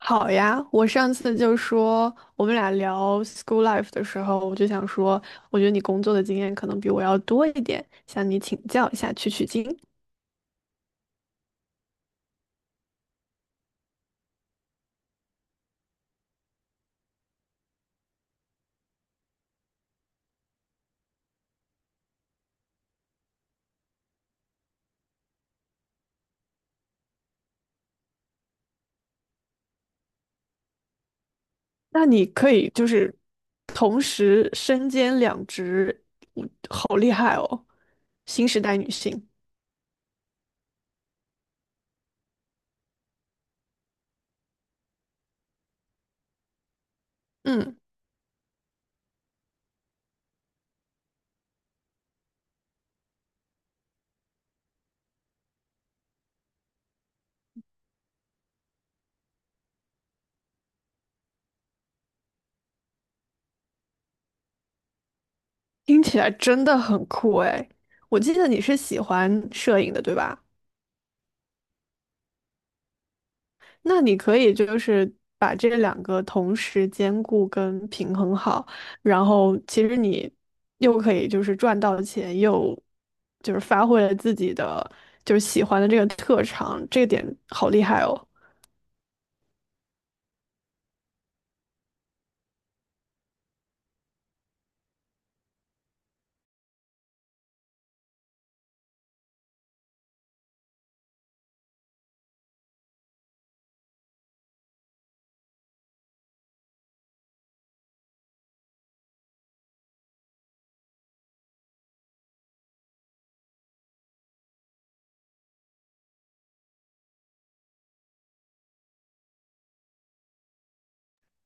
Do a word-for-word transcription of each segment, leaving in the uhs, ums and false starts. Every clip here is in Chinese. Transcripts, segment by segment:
好呀，我上次就说我们俩聊 school life 的时候，我就想说，我觉得你工作的经验可能比我要多一点，向你请教一下，取取经。那你可以就是同时身兼两职，我好厉害哦！新时代女性，嗯，听起来真的很酷哎。我记得你是喜欢摄影的，对吧？那你可以就是把这两个同时兼顾跟平衡好，然后其实你又可以就是赚到钱，又就是发挥了自己的就是喜欢的这个特长，这点好厉害哦。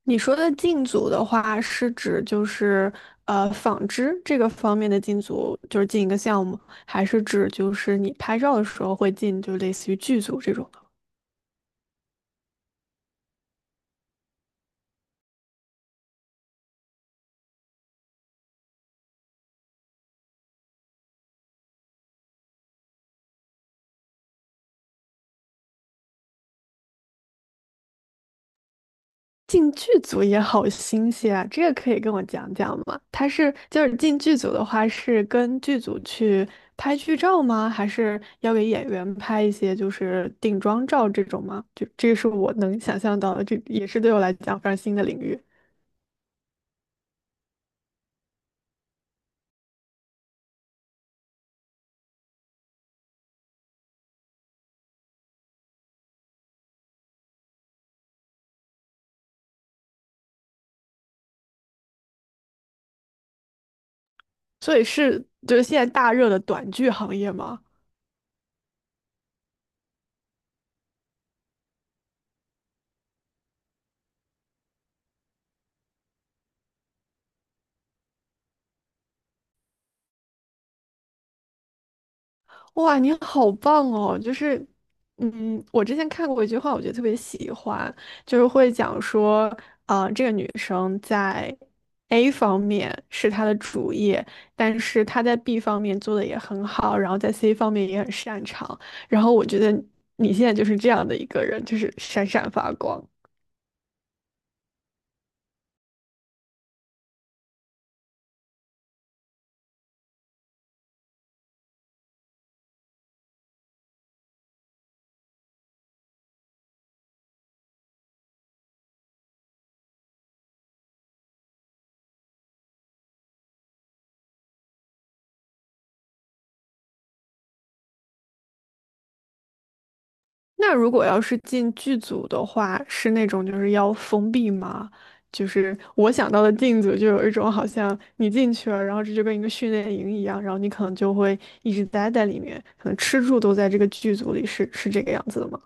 你说的进组的话，是指就是呃纺织这个方面的进组，就是进一个项目，还是指就是你拍照的时候会进，就类似于剧组这种？进剧组也好新鲜啊，这个可以跟我讲讲吗？他是就是进剧组的话，是跟剧组去拍剧照吗？还是要给演员拍一些就是定妆照这种吗？就这个是我能想象到的，这也是对我来讲非常新的领域。所以是就是现在大热的短剧行业吗？哇，你好棒哦！就是，嗯，我之前看过一句话，我觉得特别喜欢，就是会讲说，啊、这个女生在 A 方面是她的主业，但是她在 B 方面做的也很好，然后在 C 方面也很擅长。然后我觉得你现在就是这样的一个人，就是闪闪发光。那如果要是进剧组的话，是那种就是要封闭吗？就是我想到的进组就有一种好像你进去了，然后这就跟一个训练营一样，然后你可能就会一直待在里面，可能吃住都在这个剧组里，是是这个样子的吗？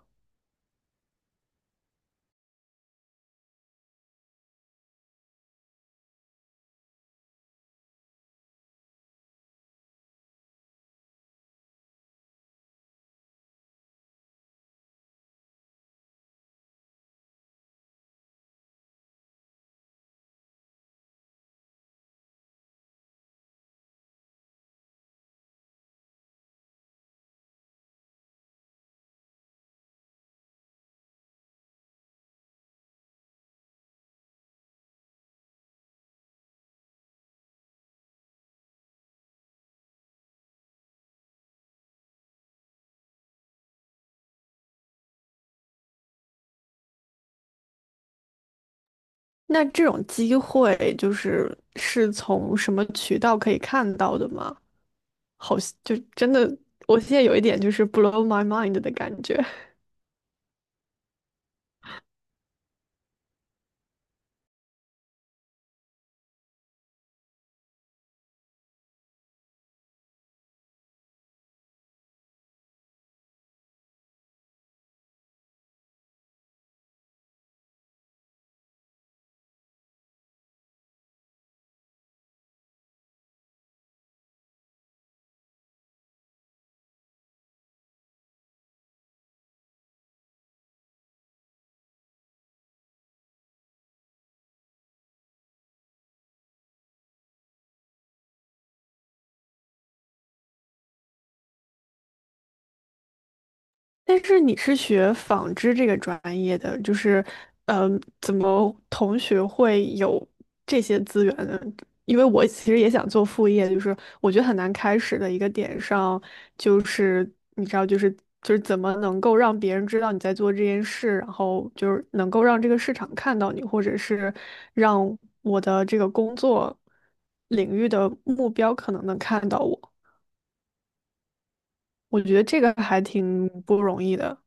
那这种机会就是是从什么渠道可以看到的吗？好，就真的，我现在有一点就是 blow my mind 的感觉。但是你是学纺织这个专业的，就是，嗯，怎么同学会有这些资源呢？因为我其实也想做副业，就是我觉得很难开始的一个点上，就是你知道，就是就是怎么能够让别人知道你在做这件事，然后就是能够让这个市场看到你，或者是让我的这个工作领域的目标可能能看到我，我觉得这个还挺不容易的。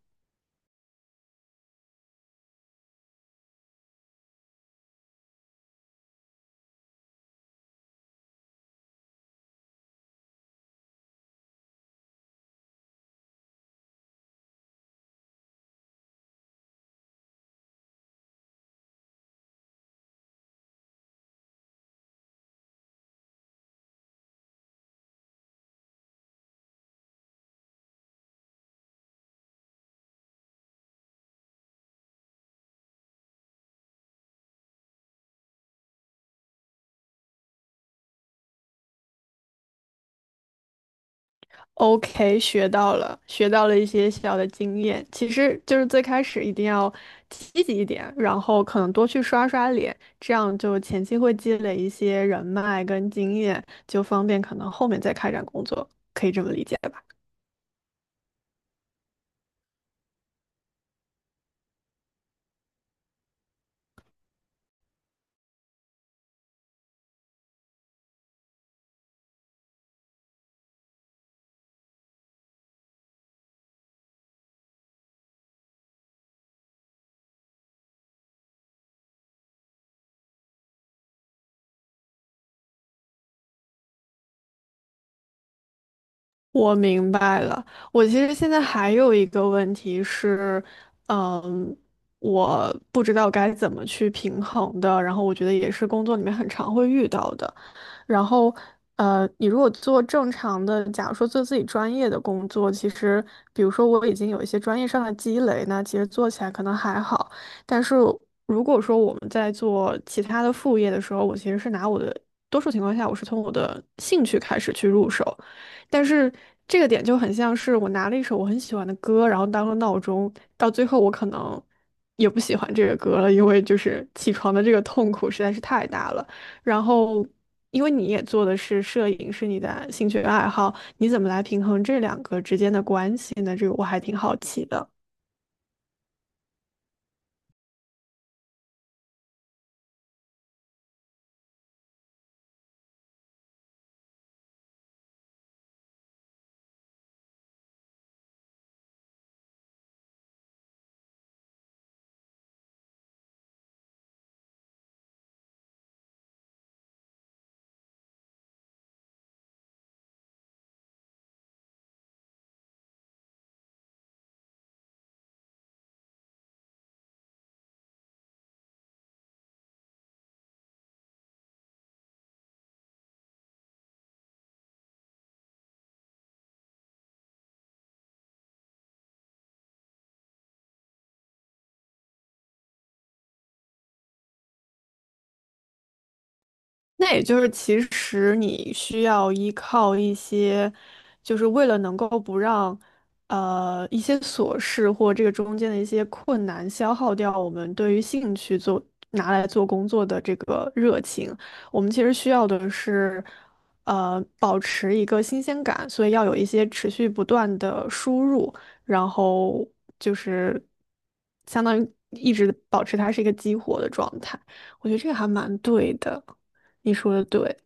O K，学到了，学到了一些小的经验。其实就是最开始一定要积极一点，然后可能多去刷刷脸，这样就前期会积累一些人脉跟经验，就方便可能后面再开展工作，可以这么理解吧？我明白了。我其实现在还有一个问题是，嗯，我不知道该怎么去平衡的。然后我觉得也是工作里面很常会遇到的。然后，呃，你如果做正常的，假如说做自己专业的工作，其实比如说我已经有一些专业上的积累，那其实做起来可能还好。但是如果说我们在做其他的副业的时候，我其实是拿我的多数情况下，我是从我的兴趣开始去入手。但是这个点就很像是我拿了一首我很喜欢的歌，然后当了闹钟，到最后我可能也不喜欢这个歌了，因为就是起床的这个痛苦实在是太大了。然后，因为你也做的是摄影，是你的兴趣爱好，你怎么来平衡这两个之间的关系呢？这个我还挺好奇的。那也就是，其实你需要依靠一些，就是为了能够不让，呃，一些琐事或这个中间的一些困难消耗掉我们对于兴趣做拿来做工作的这个热情。我们其实需要的是，呃，保持一个新鲜感，所以要有一些持续不断的输入，然后就是相当于一直保持它是一个激活的状态。我觉得这个还蛮对的。你说的对，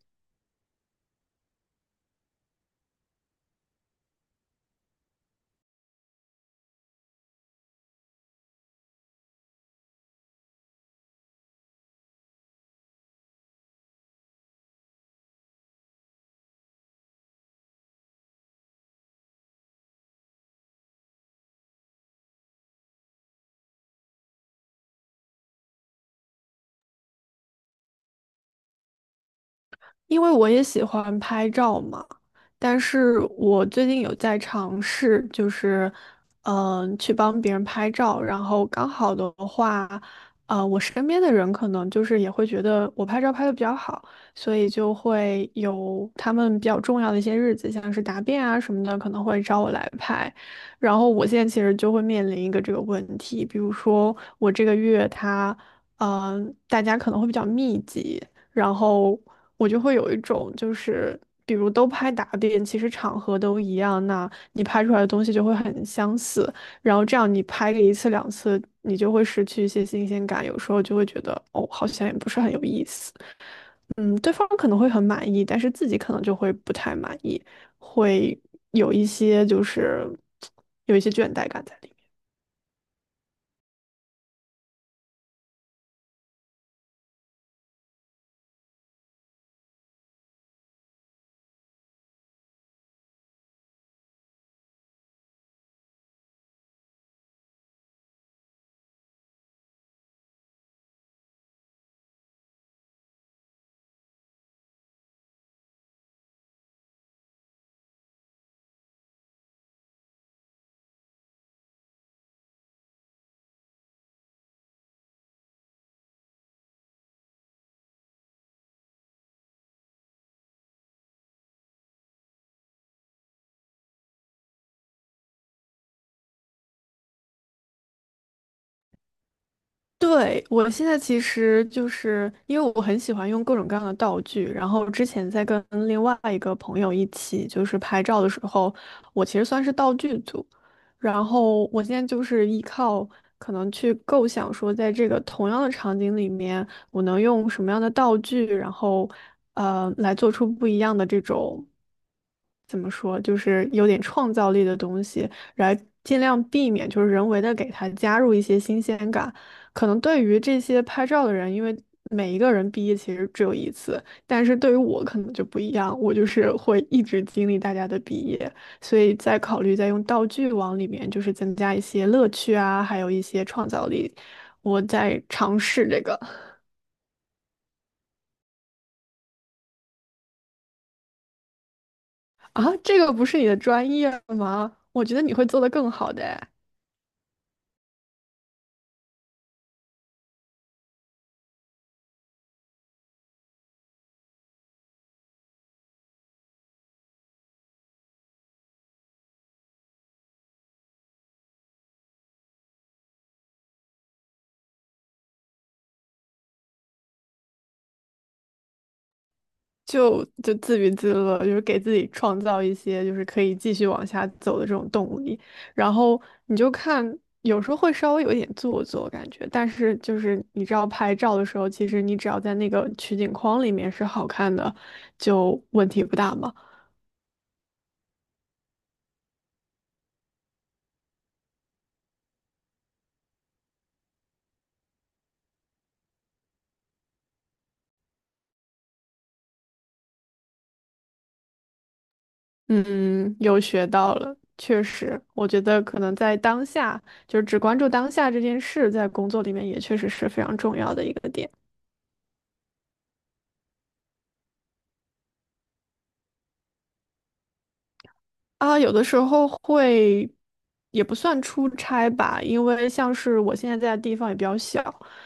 因为我也喜欢拍照嘛，但是我最近有在尝试，就是，嗯、去帮别人拍照，然后刚好的话，啊、我身边的人可能就是也会觉得我拍照拍的比较好，所以就会有他们比较重要的一些日子，像是答辩啊什么的，可能会找我来拍。然后我现在其实就会面临一个这个问题，比如说我这个月他，嗯、大家可能会比较密集。然后我就会有一种就是，比如都拍打点，其实场合都一样，那你拍出来的东西就会很相似，然后这样你拍个一次两次，你就会失去一些新鲜感，有时候就会觉得哦，好像也不是很有意思。嗯，对方可能会很满意，但是自己可能就会不太满意，会有一些就是有一些倦怠感在里面。对，我现在其实就是因为我很喜欢用各种各样的道具，然后之前在跟另外一个朋友一起就是拍照的时候，我其实算是道具组，然后我现在就是依靠可能去构想说，在这个同样的场景里面，我能用什么样的道具，然后呃来做出不一样的这种怎么说，就是有点创造力的东西，来尽量避免就是人为的给它加入一些新鲜感。可能对于这些拍照的人，因为每一个人毕业其实只有一次，但是对于我可能就不一样，我就是会一直经历大家的毕业，所以在考虑在用道具往里面就是增加一些乐趣啊，还有一些创造力。我在尝试这个啊，这个不是你的专业吗？我觉得你会做得更好的就就自娱自乐，就是给自己创造一些就是可以继续往下走的这种动力。然后你就看，有时候会稍微有一点做作感觉，但是就是你知道拍照的时候，其实你只要在那个取景框里面是好看的，就问题不大嘛。嗯，又学到了，确实，我觉得可能在当下，就是只关注当下这件事，在工作里面也确实是非常重要的一个点。啊，有的时候会，也不算出差吧，因为像是我现在在的地方也比较小，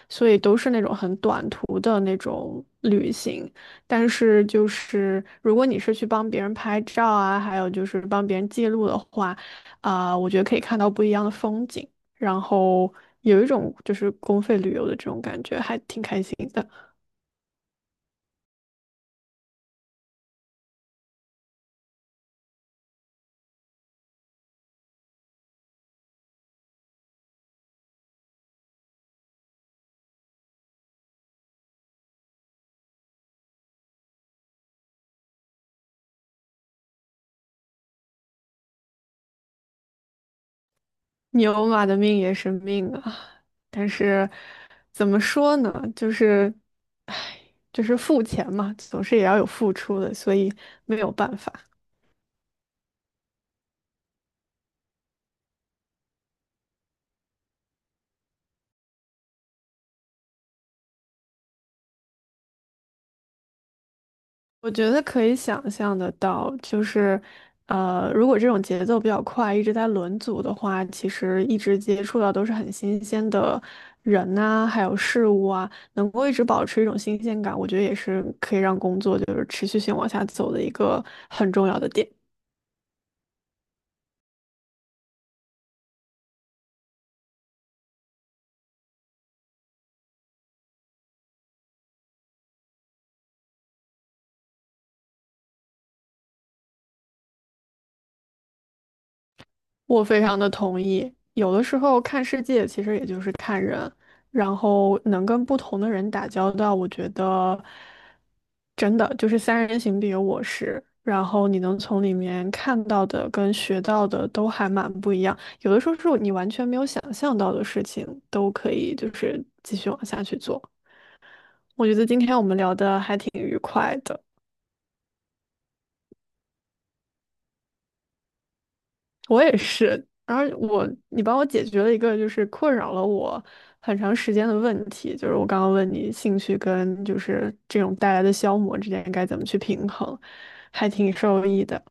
所以都是那种很短途的那种旅行。但是就是，如果你是去帮别人拍照啊，还有就是帮别人记录的话，啊、我觉得可以看到不一样的风景，然后有一种就是公费旅游的这种感觉，还挺开心的。牛马的命也是命啊，但是怎么说呢，就是，唉，就是付钱嘛，总是也要有付出的，所以没有办法。我觉得可以想象得到，就是，呃，如果这种节奏比较快，一直在轮组的话，其实一直接触到都是很新鲜的人呐、还有事物啊，能够一直保持一种新鲜感，我觉得也是可以让工作就是持续性往下走的一个很重要的点。我非常的同意。有的时候看世界，其实也就是看人，然后能跟不同的人打交道，我觉得真的就是三人行必有我师。然后你能从里面看到的跟学到的都还蛮不一样，有的时候是你完全没有想象到的事情，都可以就是继续往下去做。我觉得今天我们聊的还挺。我也是，然后我，你帮我解决了一个就是困扰了我很长时间的问题，就是我刚刚问你兴趣跟就是这种带来的消磨之间该怎么去平衡，还挺受益的。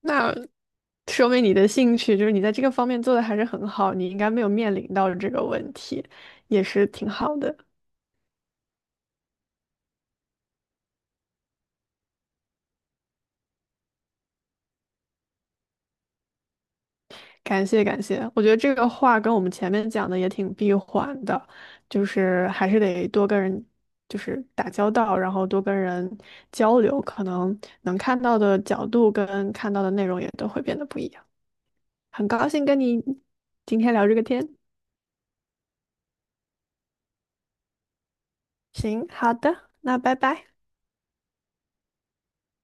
那说明你的兴趣就是你在这个方面做的还是很好，你应该没有面临到这个问题，也是挺好的。感谢感谢，我觉得这个话跟我们前面讲的也挺闭环的，就是还是得多跟人就是打交道，然后多跟人交流，可能能看到的角度跟看到的内容也都会变得不一样。很高兴跟你今天聊这个天，行，好的，那拜拜。